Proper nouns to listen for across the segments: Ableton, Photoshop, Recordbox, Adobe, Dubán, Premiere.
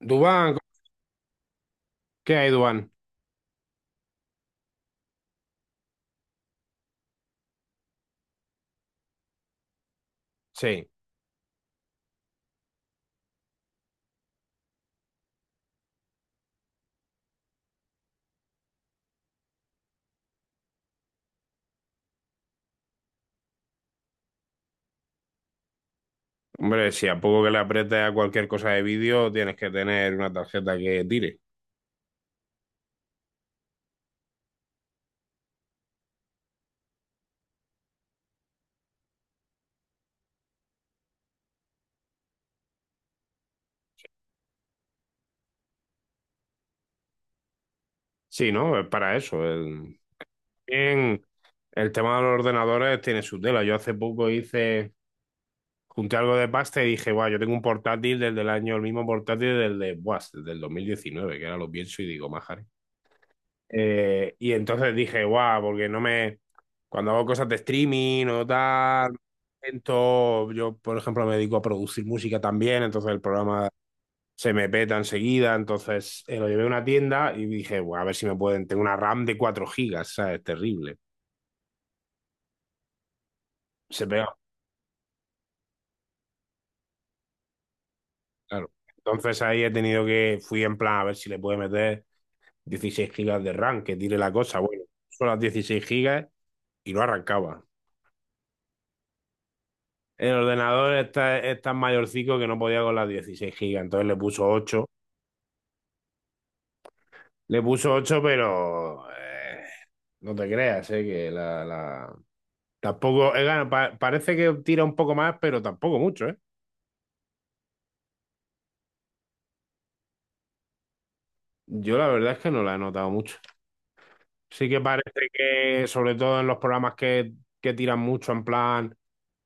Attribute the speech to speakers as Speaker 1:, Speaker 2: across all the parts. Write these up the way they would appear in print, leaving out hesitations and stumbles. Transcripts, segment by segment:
Speaker 1: Dubán, ¿qué hay, Dubán? Sí, hombre, si a poco que le aprietes a cualquier cosa de vídeo, tienes que tener una tarjeta que tire. Sí, ¿no? Es para eso. El, bien, el tema de los ordenadores tiene su tela. Yo hace poco hice, junté algo de pasta y dije, guau, yo tengo un portátil desde el año, el mismo portátil del de, buah, desde el 2019, que ahora lo pienso y digo, maja. Y entonces dije, guau, porque no me. Cuando hago cosas de streaming o tal, yo, por ejemplo, me dedico a producir música también, entonces el programa se me peta enseguida. Entonces lo llevé a una tienda y dije, bueno, a ver si me pueden. Tengo una RAM de 4 gigas, ¿sabes? Terrible. Se pega, claro. Entonces ahí he tenido que. Fui en plan a ver si le puedo meter 16 gigas de RAM, que tire la cosa. Bueno, son las 16 gigas y no arrancaba. El ordenador está, es tan mayorcico que no podía con las 16 gigas, entonces le puso 8. Le puso 8 pero no te creas, que tampoco, parece que tira un poco más, pero tampoco mucho, ¿eh? Yo la verdad es que no la he notado mucho. Sí que parece que, sobre todo en los programas que tiran mucho, en plan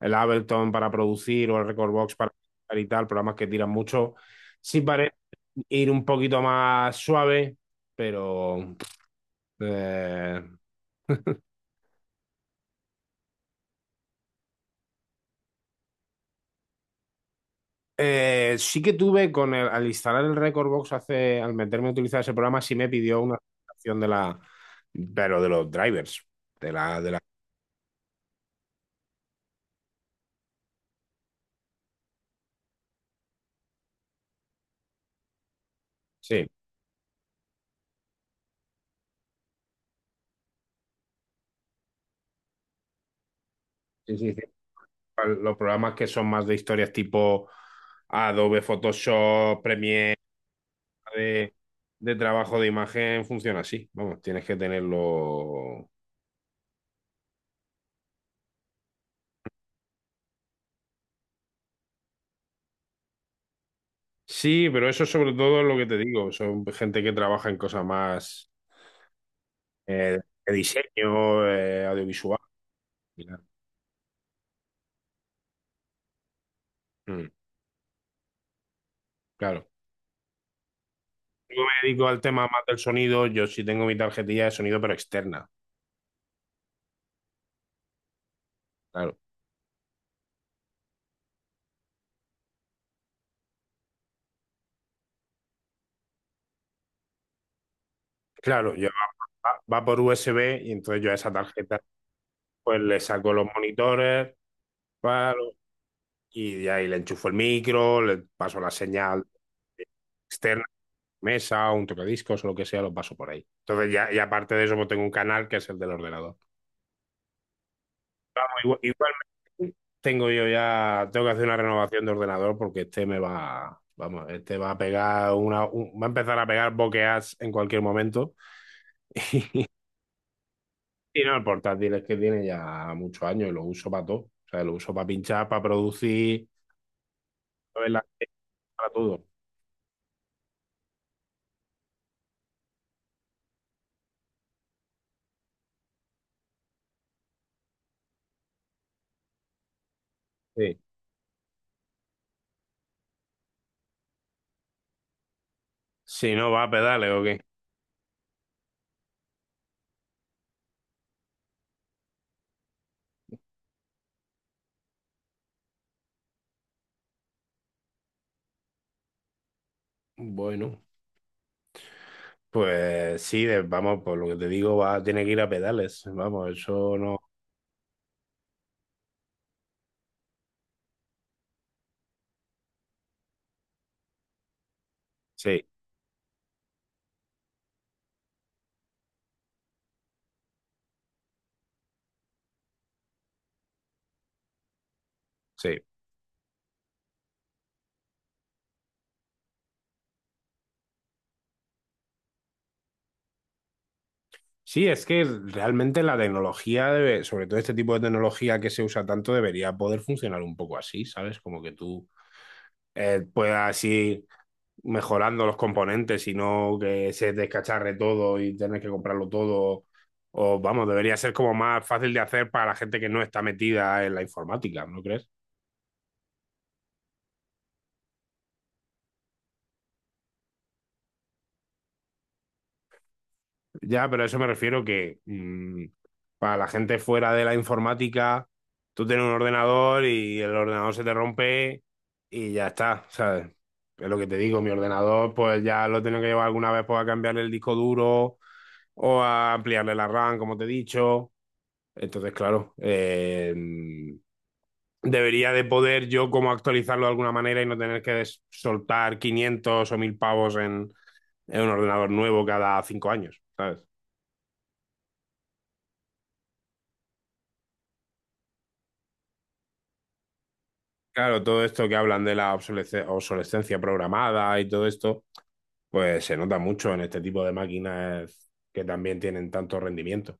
Speaker 1: el Ableton para producir o el Recordbox para editar y tal, programas que tiran mucho, sí parece ir un poquito más suave, pero eh, sí que tuve con el, al instalar el Recordbox hace, al meterme a utilizar ese programa, sí me pidió una actualización de la, pero de los drivers, de la, sí. Sí, sí, sí. Los programas que son más de historias tipo Adobe, Photoshop, Premiere, de, de trabajo de imagen, funciona así. Vamos, tienes que tenerlo. Sí, pero eso sobre todo es lo que te digo. Son gente que trabaja en cosas más eh, de diseño, audiovisual y tal. Mm, claro. Si. Yo me dedico al tema más del sonido. Yo sí tengo mi tarjetilla de sonido, pero externa. Claro. Claro, yo va por USB y entonces yo a esa tarjeta pues le saco los monitores, paro, y de ahí le enchufo el micro, le paso la señal externa, mesa, un tocadiscos o lo que sea, lo paso por ahí. Entonces ya, y aparte de eso, pues tengo un canal que es el del ordenador. Vamos, igualmente tengo yo ya, tengo que hacer una renovación de ordenador porque este me va, vamos, este va a pegar una, va a empezar a pegar bokehs en cualquier momento. Y no, el portátil es que tiene ya muchos años y lo uso para todo. O sea, lo uso para pinchar, para producir, para para todo. Sí. Si no va a pedales o qué. Bueno, pues sí, vamos, por lo que te digo, va, tiene que ir a pedales. Vamos, eso no. Sí, sí. Sí, es que realmente la tecnología debe, sobre todo este tipo de tecnología que se usa tanto, debería poder funcionar un poco así, ¿sabes? Como que tú puedas ir mejorando los componentes y no que se descacharre todo y tener que comprarlo todo. O vamos, debería ser como más fácil de hacer para la gente que no está metida en la informática, ¿no crees? Ya, pero a eso me refiero que mm, para la gente fuera de la informática, tú tienes un ordenador y el ordenador se te rompe y ya está, ¿sabes? Es lo que te digo, mi ordenador pues ya lo tengo que llevar alguna vez pues, a cambiarle el disco duro o a ampliarle la RAM, como te he dicho. Entonces, claro, debería de poder yo como actualizarlo de alguna manera y no tener que soltar 500 o 1000 pavos en un ordenador nuevo cada 5 años, ¿sabes? Claro, todo esto que hablan de la obsolescencia programada y todo esto, pues se nota mucho en este tipo de máquinas que también tienen tanto rendimiento.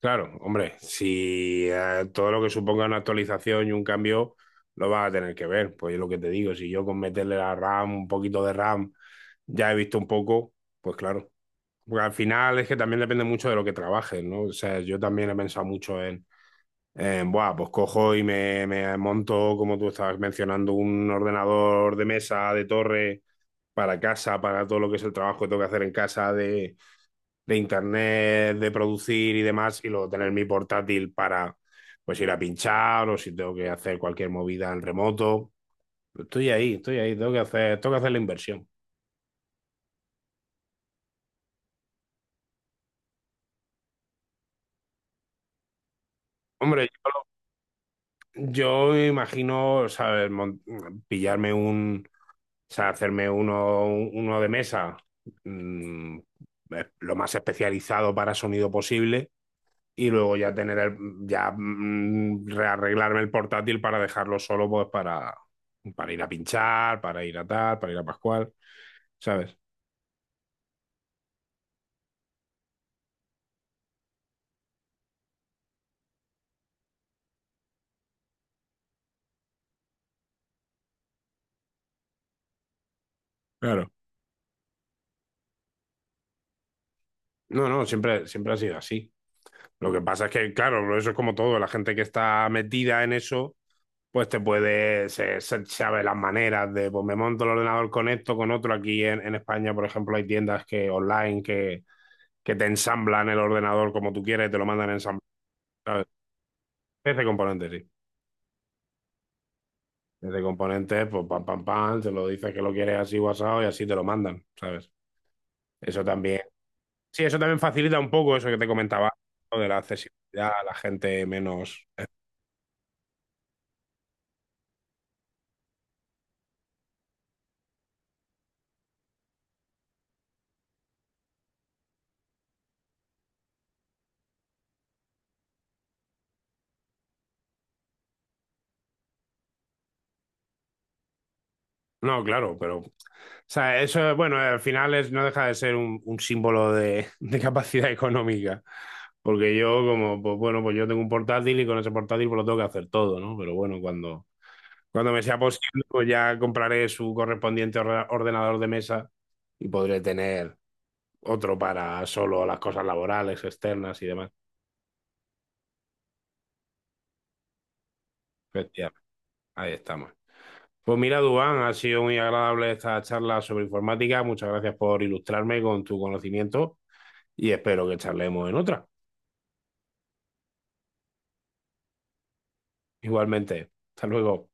Speaker 1: Claro, hombre, si todo lo que suponga una actualización y un cambio lo vas a tener que ver. Pues es lo que te digo, si yo con meterle la RAM, un poquito de RAM, ya he visto un poco, pues claro. Porque al final es que también depende mucho de lo que trabajes, ¿no? O sea, yo también he pensado mucho en, buah, pues cojo y me monto, como tú estabas mencionando, un ordenador de mesa, de torre para casa, para todo lo que es el trabajo que tengo que hacer en casa de internet, de producir y demás, y luego tener mi portátil para pues ir a pinchar o si tengo que hacer cualquier movida en remoto. Estoy ahí, tengo que hacer la inversión. Hombre, yo me imagino, o sea, pillarme un, o sea, hacerme uno, uno de mesa, mm, lo más especializado para sonido posible, y luego ya tener ya mm, rearreglarme el portátil para dejarlo solo, pues para ir a pinchar, para ir a tal, para ir a Pascual, ¿sabes? Claro. No, no, siempre, siempre ha sido así. Lo que pasa es que, claro, eso es como todo, la gente que está metida en eso pues te puede, sabe las maneras de, pues me monto el ordenador con esto, con otro. Aquí en España, por ejemplo, hay tiendas que online que te ensamblan el ordenador como tú quieres y te lo mandan ensamblado. ¿Sabes? Ese componente, sí. Ese componente, pues pam, pam, pam, te lo dices que lo quieres así guasado y así te lo mandan, ¿sabes? Eso también. Sí, eso también facilita un poco eso que te comentaba, ¿no? De la accesibilidad a la gente menos... No, claro, pero... O sea, eso, bueno, al final es, no deja de ser un símbolo de capacidad económica. Porque yo, como, pues bueno, pues yo tengo un portátil y con ese portátil pues lo tengo que hacer todo, ¿no? Pero bueno, cuando, cuando me sea posible, pues ya compraré su correspondiente ordenador de mesa y podré tener otro para solo las cosas laborales, externas y demás. Hostia, ahí estamos. Pues mira, Dubán, ha sido muy agradable esta charla sobre informática. Muchas gracias por ilustrarme con tu conocimiento y espero que charlemos en otra. Igualmente, hasta luego.